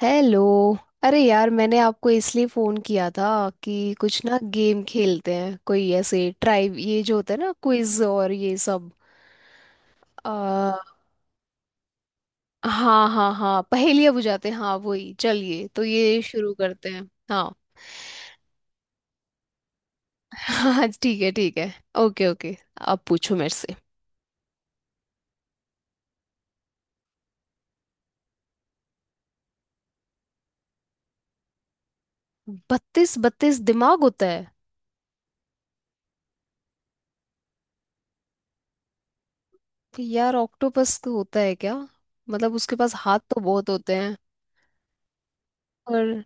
Hello. अरे यार मैंने आपको इसलिए फोन किया था कि कुछ ना गेम खेलते हैं, कोई ऐसे ट्राइव, ये जो होता है ना, क्विज और ये सब। आ, हाँ हाँ हाँ, पहेलियाँ बुझाते हैं, हाँ वही, चलिए तो ये शुरू करते हैं। हाँ। हाँ ठीक है ठीक है। Okay okay. आप पूछो मेरे से। 32 32 दिमाग होता है। यार ऑक्टोपस का होता है क्या? मतलब उसके पास हाथ तो बहुत होते हैं। और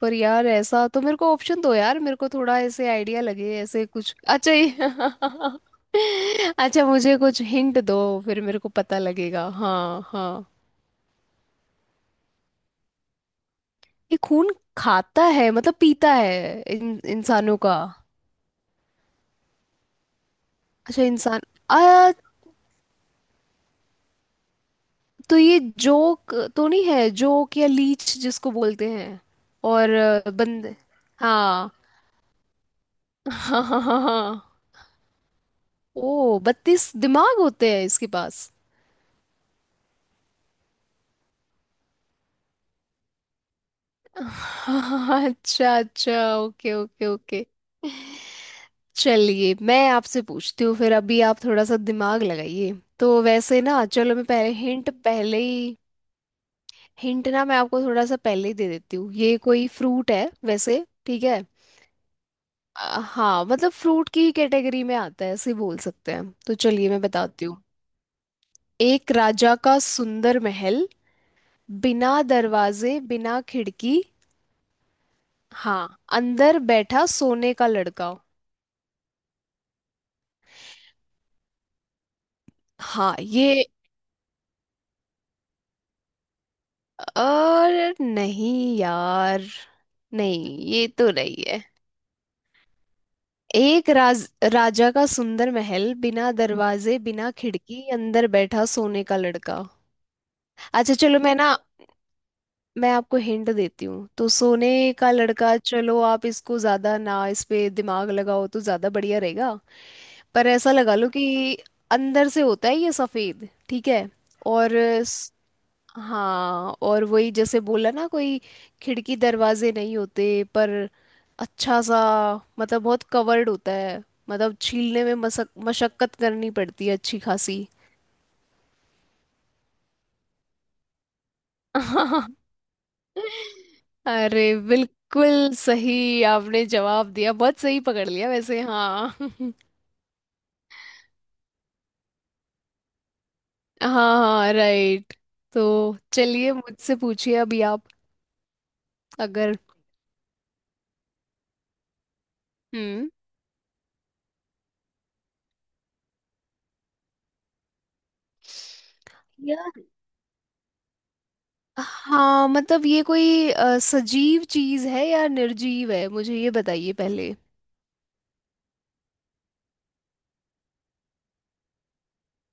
पर यार ऐसा तो, मेरे को ऑप्शन दो यार, मेरे को थोड़ा ऐसे आइडिया लगे ऐसे कुछ अच्छा ये। अच्छा मुझे कुछ हिंट दो, फिर मेरे को पता लगेगा। हाँ हाँ, ये खून खाता है मतलब पीता है इंसानों का? अच्छा इंसान। आ तो ये जोक तो नहीं है, जोक या लीच जिसको बोलते हैं। और बंद। हाँ। हाँ हाँ हाँ हाँ। ओ बत्तीस दिमाग होते हैं इसके पास। अच्छा अच्छा, ओके ओके ओके। चलिए मैं आपसे पूछती हूँ, फिर अभी आप थोड़ा सा दिमाग लगाइए। तो वैसे ना, चलो मैं पहले हिंट पहले ही, हिंट ना मैं आपको थोड़ा सा पहले ही दे देती हूँ। ये कोई फ्रूट है वैसे, ठीक है। हाँ मतलब फ्रूट की कैटेगरी में आता है ऐसे बोल सकते हैं। तो चलिए मैं बताती हूँ। एक राजा का सुंदर महल, बिना दरवाजे बिना खिड़की। हाँ। अंदर बैठा सोने का लड़का। हाँ ये। और नहीं यार, नहीं ये तो नहीं है। एक राज राजा का सुंदर महल, बिना दरवाजे बिना खिड़की, अंदर बैठा सोने का लड़का। अच्छा चलो मैं ना, मैं आपको हिंट देती हूँ। तो सोने का लड़का, चलो आप इसको ज्यादा ना इस पे दिमाग लगाओ तो ज्यादा बढ़िया रहेगा। पर ऐसा लगा लो कि अंदर से होता है ये सफेद, ठीक है। और हाँ, और वही जैसे बोला ना, कोई खिड़की दरवाजे नहीं होते, पर अच्छा सा, मतलब बहुत कवर्ड होता है, मतलब छीलने में मशक्कत करनी पड़ती है अच्छी खासी। अरे बिल्कुल सही आपने जवाब दिया, बहुत सही पकड़ लिया वैसे। हाँ। हाँ हाँ राइट। तो चलिए मुझसे पूछिए अभी आप। अगर। हम्म हाँ मतलब ये कोई सजीव चीज है या निर्जीव है, मुझे ये बताइए पहले।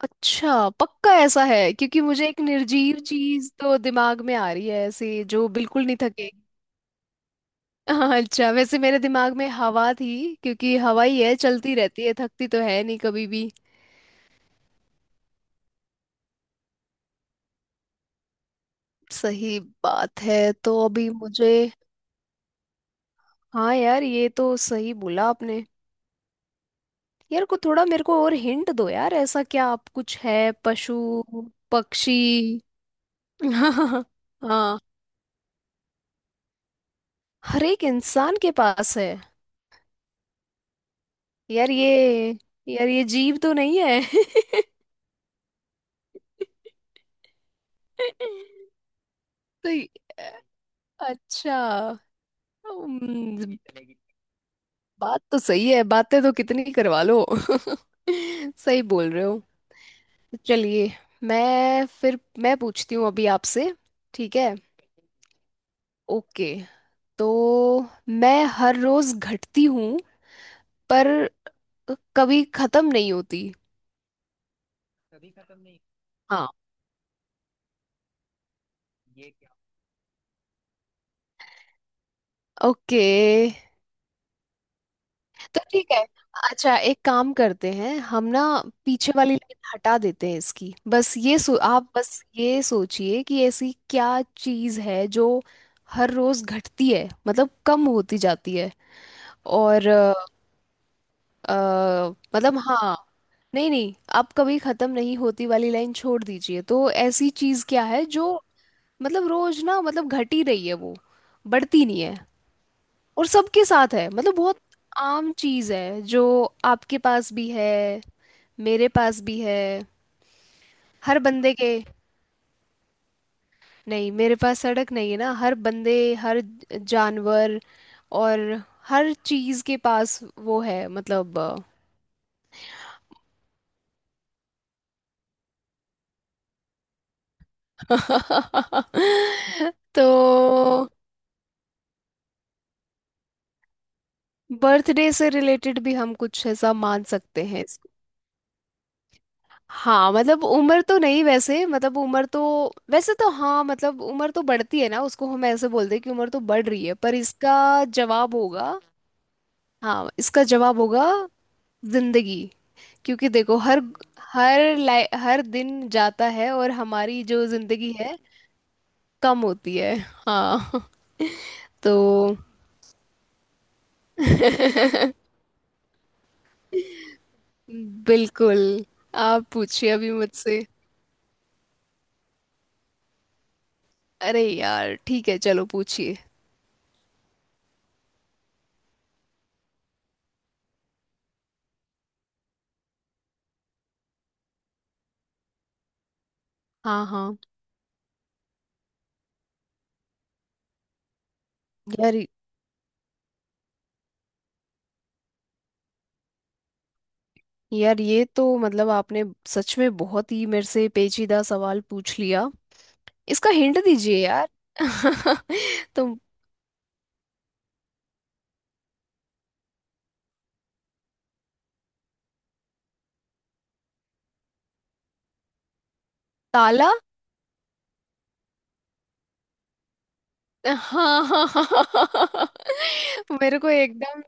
अच्छा पक्का ऐसा है? क्योंकि मुझे एक निर्जीव चीज तो दिमाग में आ रही है ऐसे जो बिल्कुल नहीं थके। हाँ, अच्छा वैसे मेरे दिमाग में हवा थी, क्योंकि हवा ही है, चलती रहती है, थकती तो है नहीं कभी भी। सही बात है। तो अभी मुझे, हाँ यार ये तो सही बोला आपने। यार को थोड़ा मेरे को और हिंट दो यार, ऐसा क्या आप, कुछ है पशु पक्षी? हाँ हाँ, हर एक इंसान के पास है। यार ये, यार ये जीव तो नहीं है। तो ये- अच्छा। हम्म, बात तो सही है, बातें तो कितनी करवा लो। सही बोल रहे हो। चलिए मैं, फिर मैं पूछती हूँ अभी आपसे। ठीक है। ओके। तो मैं हर रोज घटती हूँ पर कभी खत्म नहीं होती। हाँ। ओके तो ठीक है, अच्छा एक काम करते हैं हम ना। पीछे वाली लाइन हटा देते हैं इसकी, बस आप बस ये सोचिए कि ऐसी क्या चीज़ है जो हर रोज घटती है, मतलब कम होती जाती है। और अ, मतलब हाँ। नहीं नहीं, आप कभी खत्म नहीं होती वाली लाइन छोड़ दीजिए। तो ऐसी चीज़ क्या है जो, मतलब रोज ना, मतलब घट ही रही है वो, बढ़ती नहीं है, और सबके साथ है, मतलब बहुत आम चीज है जो आपके पास भी है, मेरे पास भी है, हर बंदे के। नहीं मेरे पास सड़क नहीं है ना, हर बंदे, हर जानवर और हर चीज के पास वो है मतलब। तो बर्थडे से रिलेटेड भी हम कुछ ऐसा मान सकते हैं। हाँ मतलब उम्र तो नहीं, वैसे मतलब उम्र तो, वैसे तो हाँ, मतलब उम्र तो बढ़ती है ना उसको, हम ऐसे बोलते हैं कि उम्र तो बढ़ रही है। पर इसका जवाब होगा, हाँ इसका जवाब होगा जिंदगी। क्योंकि देखो हर, हर लाइ हर दिन जाता है और हमारी जो जिंदगी है कम होती है। हाँ। तो बिल्कुल, आप पूछिए अभी मुझसे। अरे यार ठीक है चलो पूछिए। हाँ हाँ। यार यार ये तो मतलब आपने सच में बहुत ही मेरे से पेचीदा सवाल पूछ लिया। इसका हिंट दीजिए यार। तुम। ताला। हाँ हाँ हाँ। मेरे को एकदम,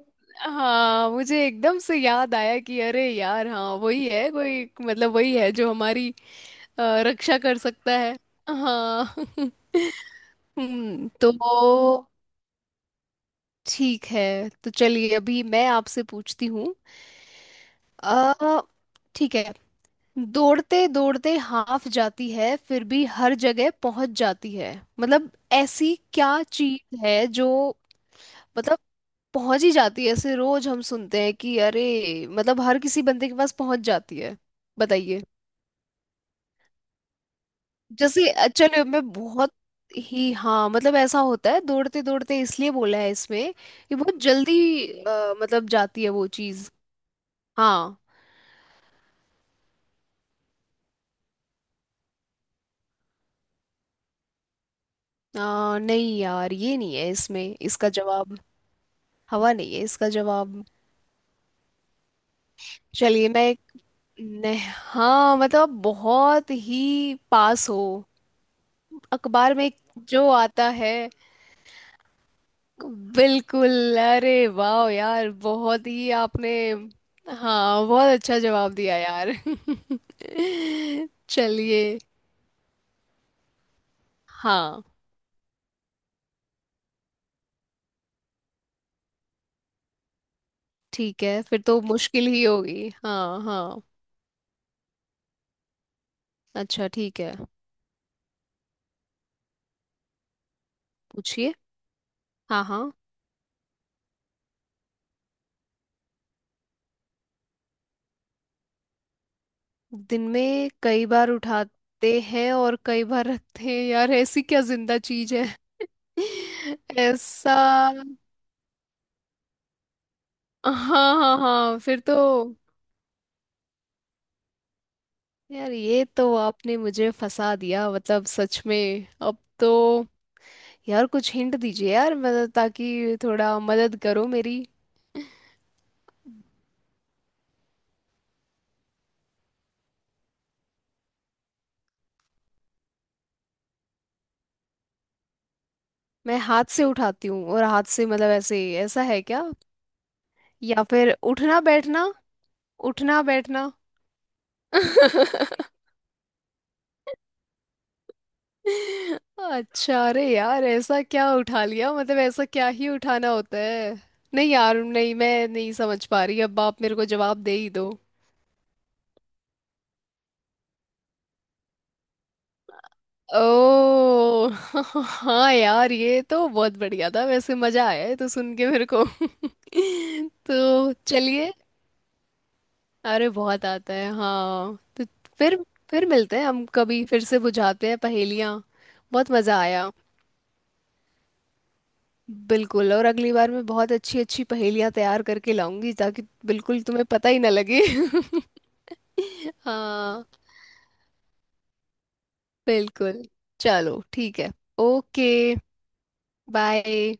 हाँ मुझे एकदम से याद आया कि अरे यार हाँ वही है, कोई मतलब वही है जो हमारी रक्षा कर सकता है। हाँ। तो ठीक है। तो चलिए अभी मैं आपसे पूछती हूँ। अ, ठीक है। दौड़ते दौड़ते हाफ जाती है फिर भी हर जगह पहुंच जाती है। मतलब ऐसी क्या चीज है जो, मतलब पहुंच ही जाती है, ऐसे रोज हम सुनते हैं कि अरे मतलब हर किसी बंदे के पास पहुंच जाती है। बताइए। जैसे चलो, मैं बहुत ही हाँ मतलब ऐसा होता है, दौड़ते दौड़ते इसलिए बोला है इसमें कि बहुत जल्दी मतलब जाती है वो चीज। हाँ। नहीं यार, ये नहीं है इसमें इसका जवाब, हवा नहीं है इसका जवाब। चलिए मैं, नहीं हाँ मतलब आप बहुत ही पास हो। अखबार में जो आता है। बिल्कुल, अरे वाह यार बहुत ही आपने, हाँ बहुत अच्छा जवाब दिया यार। चलिए। हाँ। ठीक है, फिर तो मुश्किल ही होगी। हाँ हाँ, अच्छा ठीक है पूछिए। हाँ हाँ, दिन में कई बार उठाते हैं और कई बार रखते हैं यार, ऐसी क्या जिंदा चीज है? ऐसा, हाँ हाँ हाँ फिर तो, यार ये तो आपने मुझे फंसा दिया मतलब, सच में अब तो, यार कुछ हिंट दीजिए यार, मतलब ताकि थोड़ा मदद करो मेरी। मैं हाथ से उठाती हूँ और हाथ से मतलब ऐसे, ऐसा है क्या? या फिर उठना बैठना, उठना बैठना? अच्छा अरे यार ऐसा क्या उठा लिया, मतलब ऐसा क्या ही उठाना होता है। नहीं यार नहीं, मैं नहीं समझ पा रही, अब आप मेरे को जवाब दे ही दो। ओ। हाँ यार ये तो बहुत बढ़िया था वैसे, मजा आया है तो सुन के मेरे को। तो चलिए। अरे बहुत आता है हाँ तो, फिर फिर मिलते हैं हम, कभी फिर से बुझाते हैं पहेलियाँ। बहुत मजा आया। बिल्कुल और अगली बार मैं बहुत अच्छी अच्छी पहेलियाँ तैयार करके लाऊंगी, ताकि बिल्कुल तुम्हें पता ही ना लगे। हाँ बिल्कुल। चलो ठीक है। Okay bye.